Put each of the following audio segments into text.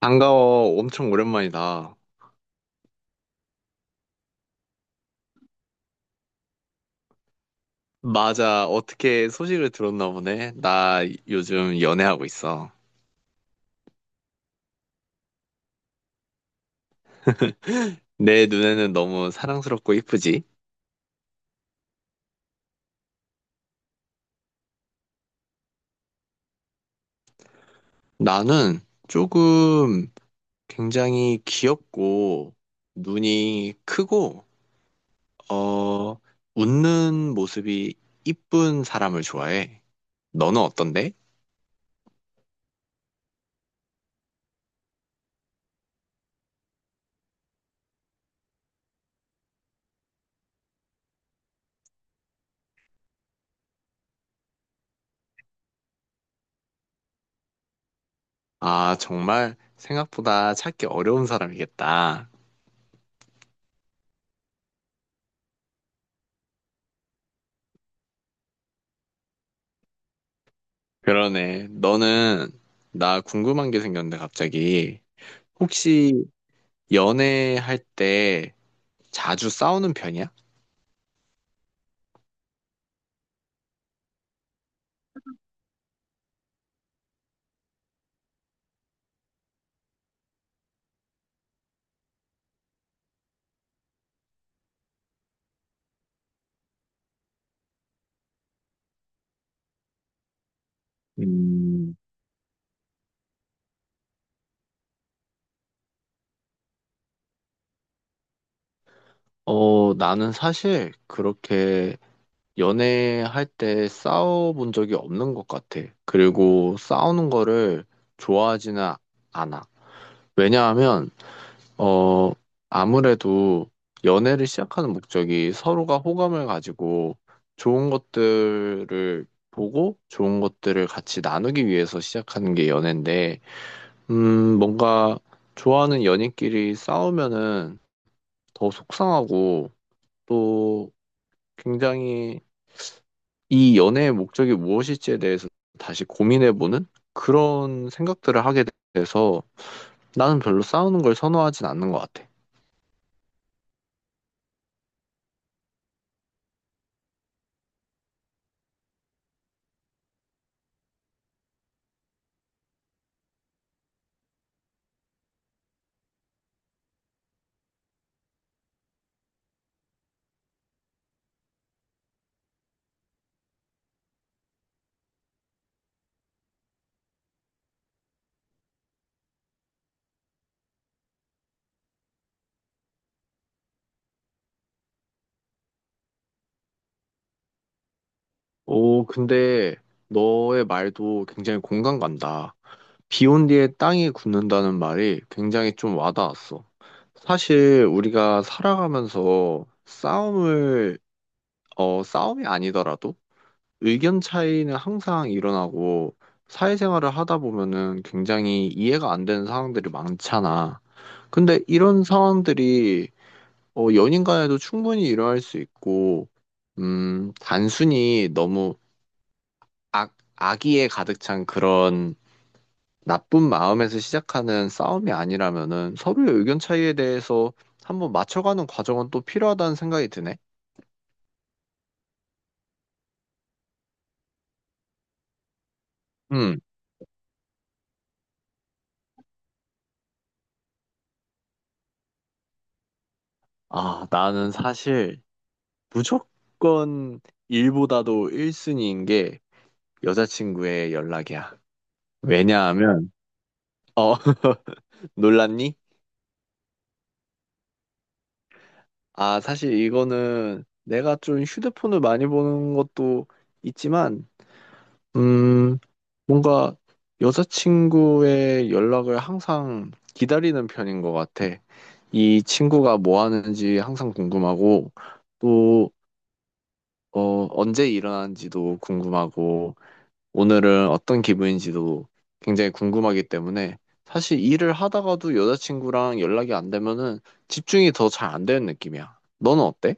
반가워. 엄청 오랜만이다. 맞아. 어떻게 소식을 들었나 보네. 나 요즘 연애하고 있어. 내 눈에는 너무 사랑스럽고 이쁘지? 나는 조금 굉장히 귀엽고 눈이 크고 어 웃는 모습이 이쁜 사람을 좋아해. 너는 어떤데? 아, 정말 생각보다 찾기 어려운 사람이겠다. 그러네. 너는 나 궁금한 게 생겼는데 갑자기 혹시 연애할 때 자주 싸우는 편이야? 음, 나는 사실 그렇게 연애할 때 싸워본 적이 없는 것 같아. 그리고 싸우는 거를 좋아하지는 않아. 왜냐하면, 어, 아무래도 연애를 시작하는 목적이 서로가 호감을 가지고 좋은 것들을 보고 좋은 것들을 같이 나누기 위해서 시작하는 게 연애인데, 뭔가 좋아하는 연인끼리 싸우면은 더 속상하고 또 굉장히 이 연애의 목적이 무엇일지에 대해서 다시 고민해보는 그런 생각들을 하게 돼서 나는 별로 싸우는 걸 선호하진 않는 것 같아. 오, 근데 너의 말도 굉장히 공감 간다. 비 온 뒤에 땅이 굳는다는 말이 굉장히 좀 와닿았어. 사실 우리가 살아가면서 싸움을 싸움이 아니더라도 의견 차이는 항상 일어나고 사회생활을 하다 보면은 굉장히 이해가 안 되는 상황들이 많잖아. 근데 이런 상황들이 연인 간에도 충분히 일어날 수 있고, 단순히 너무 악의에 가득 찬 그런 나쁜 마음에서 시작하는 싸움이 아니라면은 서로의 의견 차이에 대해서 한번 맞춰가는 과정은 또 필요하다는 생각이 드네. 음, 아, 나는 사실 무조건 일보다도 1순위인 게 여자친구의 연락이야. 왜냐하면, 어, 놀랐니? 아, 사실 이거는 내가 좀 휴대폰을 많이 보는 것도 있지만, 음, 뭔가 여자친구의 연락을 항상 기다리는 편인 것 같아. 이 친구가 뭐 하는지 항상 궁금하고, 또, 언제 일어나는지도 궁금하고, 오늘은 어떤 기분인지도 굉장히 궁금하기 때문에 사실 일을 하다가도 여자친구랑 연락이 안 되면은 집중이 더 잘 안 되는 느낌이야. 너는 어때?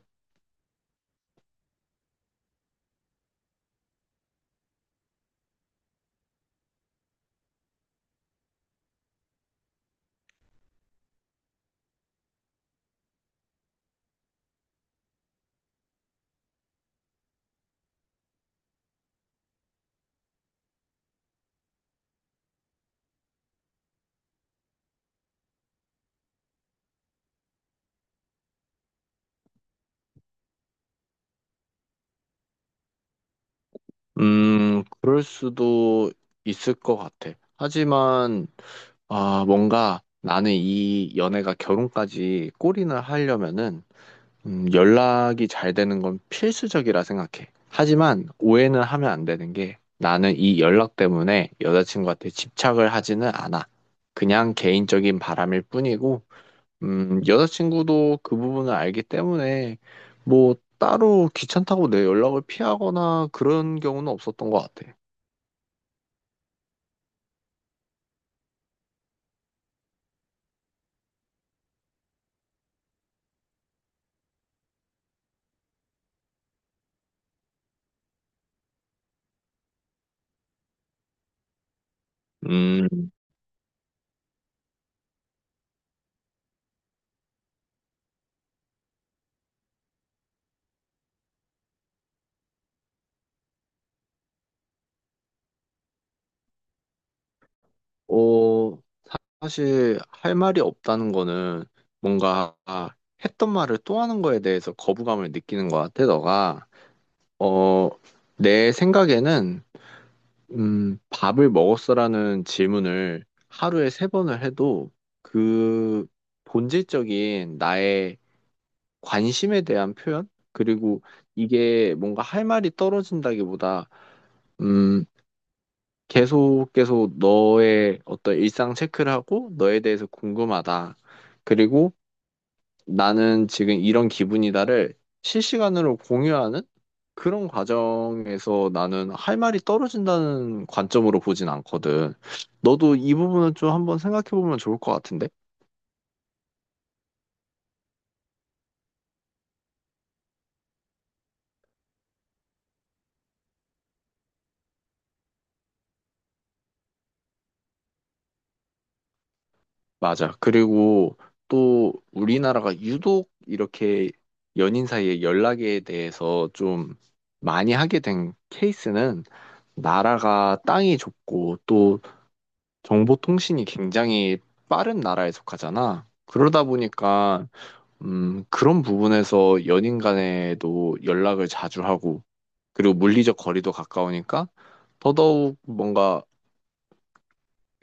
그럴 수도 있을 것 같아. 하지만, 아, 뭔가 나는 이 연애가 결혼까지 골인을 하려면은 연락이 잘 되는 건 필수적이라 생각해. 하지만 오해는 하면 안 되는 게 나는 이 연락 때문에 여자친구한테 집착을 하지는 않아. 그냥 개인적인 바람일 뿐이고, 여자친구도 그 부분을 알기 때문에 뭐 따로 귀찮다고 내 연락을 피하거나 그런 경우는 없었던 것 같아. 음, 어, 사실 할 말이 없다는 거는 뭔가 했던 말을 또 하는 거에 대해서 거부감을 느끼는 것 같아, 너가. 어, 내 생각에는, 밥을 먹었어라는 질문을 하루에 세 번을 해도 그 본질적인 나의 관심에 대한 표현? 그리고 이게 뭔가 할 말이 떨어진다기보다, 음, 계속 계속 너의 어떤 일상 체크를 하고 너에 대해서 궁금하다. 그리고 나는 지금 이런 기분이다를 실시간으로 공유하는 그런 과정에서 나는 할 말이 떨어진다는 관점으로 보진 않거든. 너도 이 부분은 좀 한번 생각해 보면 좋을 것 같은데? 맞아. 그리고 또 우리나라가 유독 이렇게 연인 사이의 연락에 대해서 좀 많이 하게 된 케이스는 나라가 땅이 좁고 또 정보통신이 굉장히 빠른 나라에 속하잖아. 그러다 보니까 그런 부분에서 연인 간에도 연락을 자주 하고, 그리고 물리적 거리도 가까우니까, 더더욱 뭔가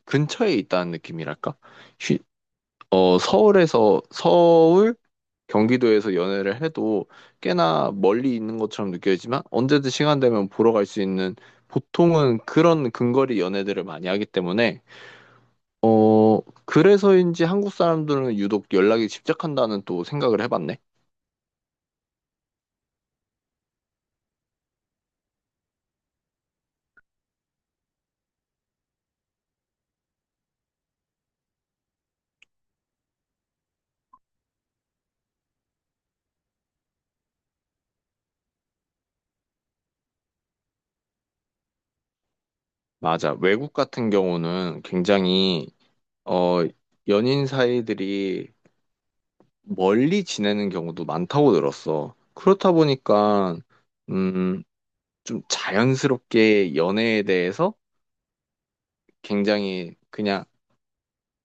근처에 있다는 느낌이랄까? 휴- 서울, 경기도에서 연애를 해도 꽤나 멀리 있는 것처럼 느껴지지만, 언제든 시간 되면 보러 갈 수 있는, 보통은 그런 근거리 연애들을 많이 하기 때문에, 어, 그래서인지 한국 사람들은 유독 연락이 집착한다는 또 생각을 해봤네. 맞아. 외국 같은 경우는 굉장히, 어, 연인 사이들이 멀리 지내는 경우도 많다고 들었어. 그렇다 보니까, 음, 좀 자연스럽게 연애에 대해서 굉장히 그냥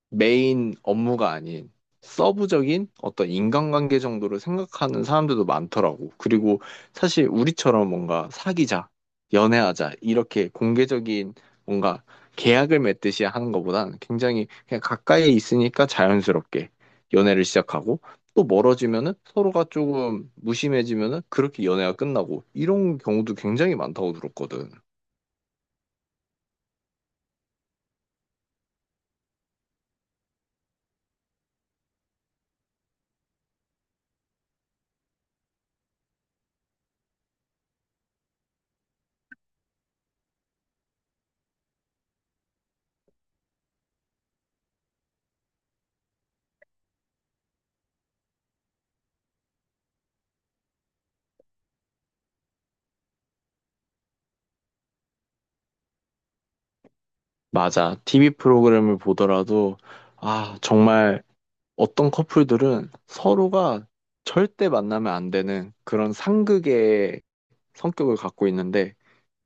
메인 업무가 아닌 서브적인 어떤 인간관계 정도로 생각하는 사람들도 많더라고. 그리고 사실 우리처럼 뭔가 사귀자, 연애하자, 이렇게 공개적인 뭔가 계약을 맺듯이 하는 것보단 굉장히 그냥 가까이 있으니까 자연스럽게 연애를 시작하고 또 멀어지면은 서로가 조금 무심해지면은 그렇게 연애가 끝나고 이런 경우도 굉장히 많다고 들었거든. 맞아. TV 프로그램을 보더라도 아, 정말 어떤 커플들은 서로가 절대 만나면 안 되는 그런 상극의 성격을 갖고 있는데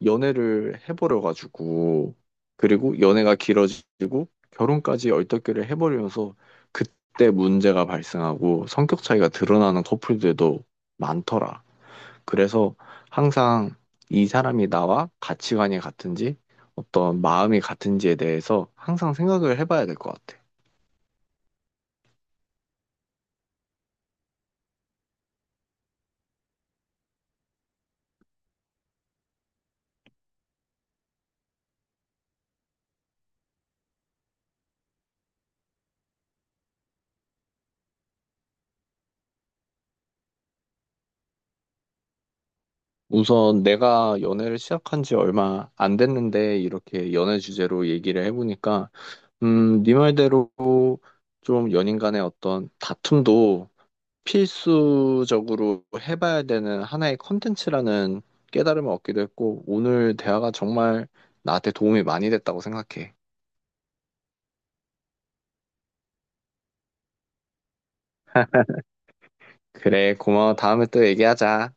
연애를 해버려 가지고 그리고 연애가 길어지고 결혼까지 얼떨결에 해버리면서 그때 문제가 발생하고 성격 차이가 드러나는 커플들도 많더라. 그래서 항상 이 사람이 나와 가치관이 같은지 어떤 마음이 같은지에 대해서 항상 생각을 해봐야 될 것 같아. 우선 내가 연애를 시작한 지 얼마 안 됐는데 이렇게 연애 주제로 얘기를 해보니까 네 말대로 좀 연인 간의 어떤 다툼도 필수적으로 해봐야 되는 하나의 컨텐츠라는 깨달음을 얻기도 했고 오늘 대화가 정말 나한테 도움이 많이 됐다고 생각해. 그래, 고마워. 다음에 또 얘기하자.